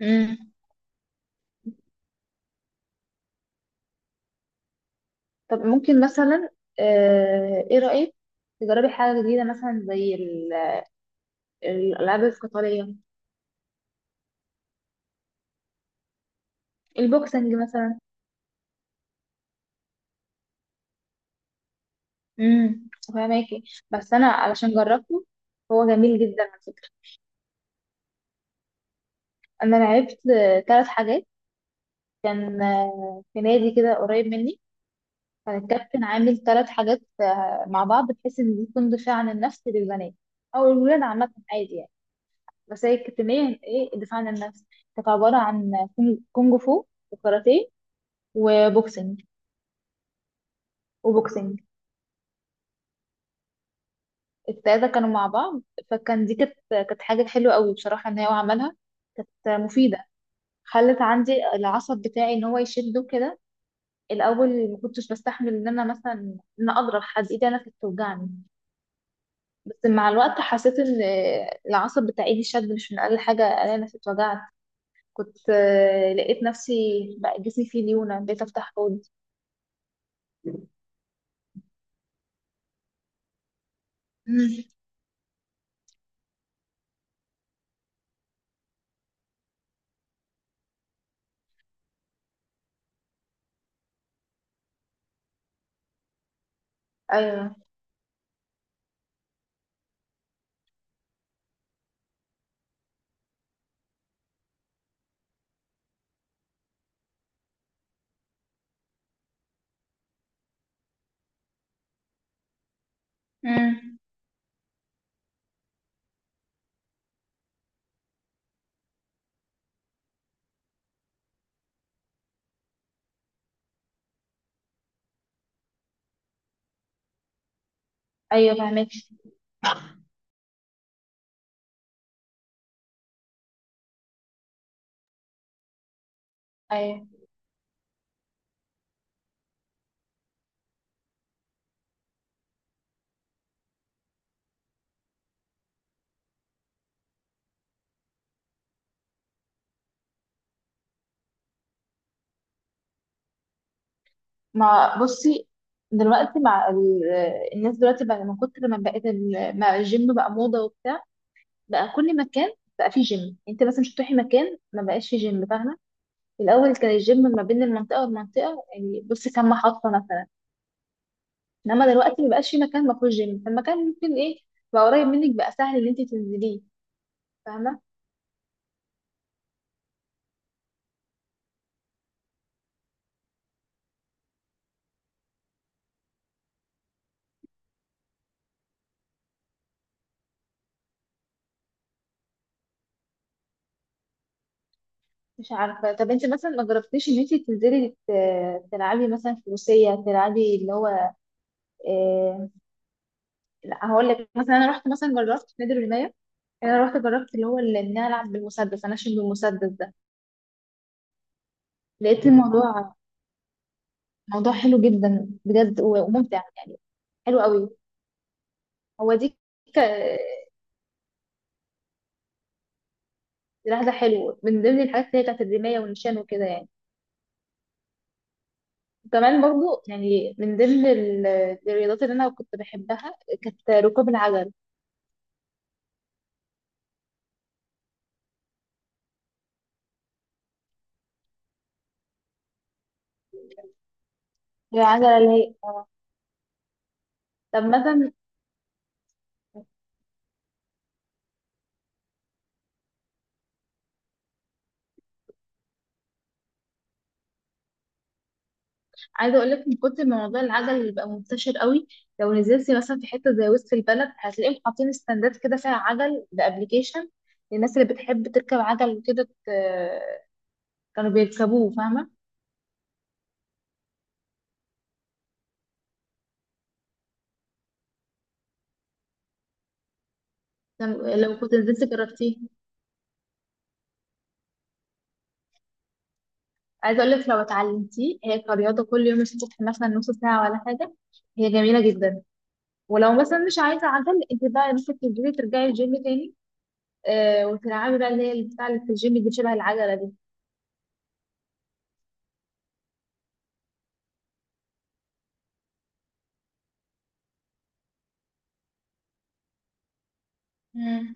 امم طب ممكن مثلا، ايه رأيك؟ تجربي حاجة جديدة مثلا زي الألعاب القتالية، البوكسنج مثلا. امم فاهماكي؟ بس أنا علشان جربته، هو جميل جدا على فكرة. أنا لعبت تلات حاجات. كان في نادي كده قريب مني. كان الكابتن عامل تلات حاجات مع بعض، بحيث إن دي تكون دفاع عن النفس للبنات أو الولاد، عامة عادي يعني. بس هي الكتمية، إيه الدفاع عن النفس؟ كانت عبارة عن كونج فو وكاراتيه وبوكسنج وبوكسنج. التلاتة كانوا مع بعض. فكان دي كانت حاجة حلوة قوي بصراحة ان هو عملها. كانت مفيدة. خلت عندي العصب بتاعي ان هو يشده كده. الاول ما كنتش بستحمل ان انا مثلا ان اضرب حد، ايدي انا كانت توجعني. بس مع الوقت حسيت ان العصب بتاع ايدي شد، مش من اقل حاجة انا نفسي اتوجعت. كنت لقيت نفسي بقى جسمي فيه ليونة، بقيت افتح حوض. مم. ايوه. مم. ايوه، فهمت. ما بصي، دلوقتي مع الناس دلوقتي بقى من كتر ما بقت مع الجيم، بقى موضة وبتاع، بقى كل مكان بقى فيه جيم. انت مثلا مش هتروحي مكان ما بقاش فيه جيم، فاهمة؟ الأول كان الجيم ما بين المنطقة والمنطقة، يعني بصي كام محطة مثلا. انما دلوقتي ما بقاش فيه مكان ما فيهوش جيم، فالمكان ممكن ايه، بقى قريب منك، بقى سهل ان انت تنزليه، فاهمة؟ مش عارفة، طب انت مثلا ما جربتيش ان انت تنزلي تلعبي مثلا فروسية، تلعبي اللي هو آه، لا، هقول لك مثلا، انا رحت مثلا جربت في نادي الرمايه. يعني انا رحت جربت اللي هو اللي ان انا العب بالمسدس، انشن بالمسدس ده. لقيت الموضوع موضوع حلو جدا بجد وممتع يعني، حلو قوي. هو دي ك... سلاح ده حلو من ضمن الحاجات اللي هي بتاعت الرمايه والنشان وكده يعني. وكمان برضو يعني من ضمن الرياضات اللي انا كنت بحبها، كانت ركوب العجل، العجله اللي هي. طب مثلا، عايزه اقول لك من كتر ما موضوع العجل اللي بقى منتشر قوي، لو نزلتي مثلا في حته زي وسط البلد، هتلاقيهم حاطين ستاندات كده فيها عجل بابلكيشن للناس اللي بتحب تركب عجل وكده، كانوا بيركبوه، فاهمه؟ لو كنت نزلت جربتيه. عايزه اقول لك لو اتعلمتيه هي كرياضه، كل يوم الصبح مثلا نص ساعه ولا حاجه، هي جميله جدا. ولو مثلا مش عايزه عجل، انت بقى ممكن تنزلي ترجعي الجيم تاني، وتلعبي بقى اللي هي بتاع اللي في الجيم دي، شبه العجله دي. مم.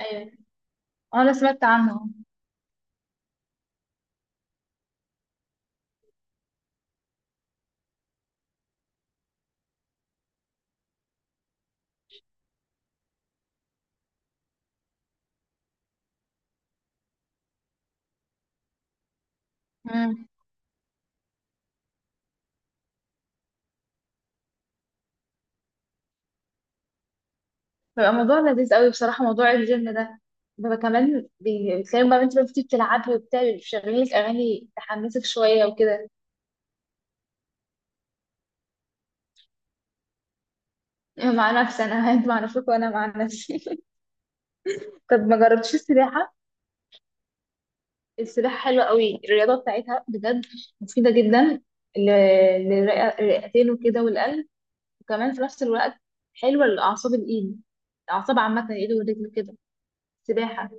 ايوه. اه، انا سمعت عنه. مم. بيبقى موضوع لذيذ قوي بصراحة، موضوع الجيم ده بيبقى كمان بتلاقي بقى انت بقى بتيجي بتلعبي وبتاع، بيبقى شغالين لك اغاني تحمسك شويه وكده، مع نفسي انا انت مع نفسك وانا مع نفسي. طب ما جربتش السباحة؟ السباحة حلوة قوي، الرياضة بتاعتها بجد مفيدة جدا ل- للرئتين وكده والقلب، وكمان في نفس الوقت حلوة لأعصاب الإيد، الأعصاب عامة، الإيد والرجل كده. سباحة.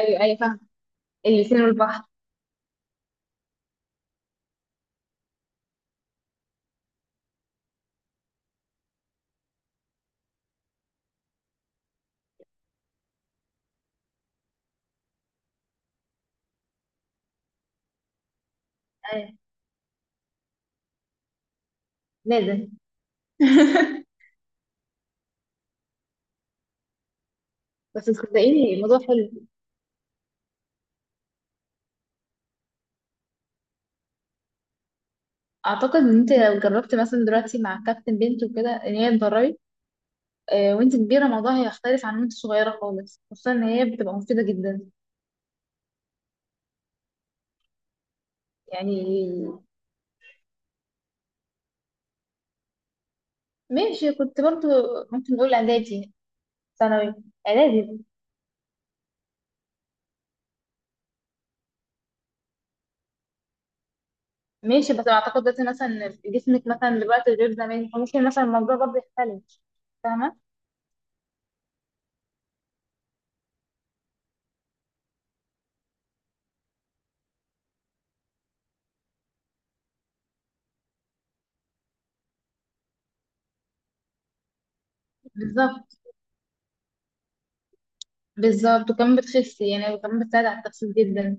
أيوة، أيوة، فاهمة، الاتنين والبحر. أيوة، لازم. بس صدقيني الموضوع حلو، اعتقد ان انت لو جربت مثلا دلوقتي مع كابتن بنت وكده ان هي تدربي، وانت كبيره الموضوع هيختلف عن وانت صغيره خالص، خصوصا ان هي بتبقى مفيده جدا. يعني ماشي، كنت برضو ممكن نقول اعدادي، ثانوي، اعدادي. ماشي، بس اعتقد دلوقتي مثلا جسمك مثلا دلوقتي غير زمان، فممكن مثلا الموضوع برضو يختلف، فاهمه؟ بالظبط، بالظبط. وكمان بتخسي يعني، وكمان بتساعد على التخسيس جدا.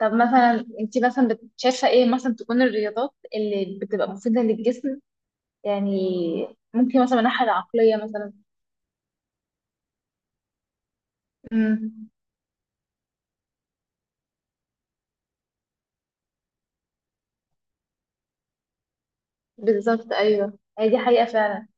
طب مثلا انت مثلا شايفه ايه مثلا تكون الرياضات اللي بتبقى مفيده للجسم؟ يعني ممكن مثلا من الناحيه العقليه مثلا. امم بالظبط، ايوه هي دي حقيقه فعلا.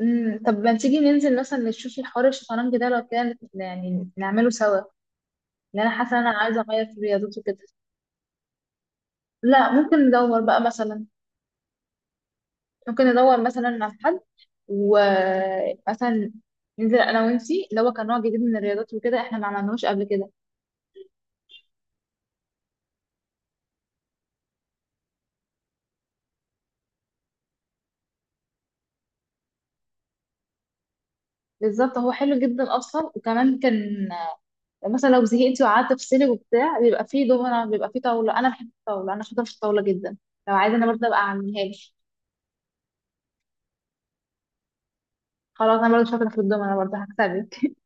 طب ما تيجي ننزل مثلا نشوف الحوار الشطرنج ده لو كان، يعني نعمله سوا؟ لان انا حاسه ان انا عايزه اغير في الرياضات وكده، لا ممكن ندور بقى مثلا، ممكن ندور مثلا على حد، ومثلا ننزل انا وانتي اللي هو كان نوع جديد من الرياضات وكده احنا ما عملناهوش قبل كده. بالظبط، هو حلو جدا اصلا، وكمان كان مثلا لو زهقتي وقعدت افصلك وبتاع، بيبقى فيه دومنة، بيبقى فيه طاوله، انا بحب الطاوله، انا شاطره في الطاوله جدا، لو عايزه انا برضه ابقى اعملها لك. خلاص، انا برضه شاطره في الدومنة، برضه هكسبك.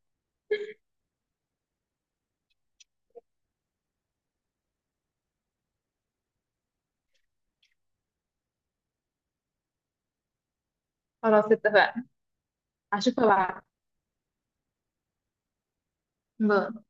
خلاص، اتفقنا. هشوفها بعد. باي.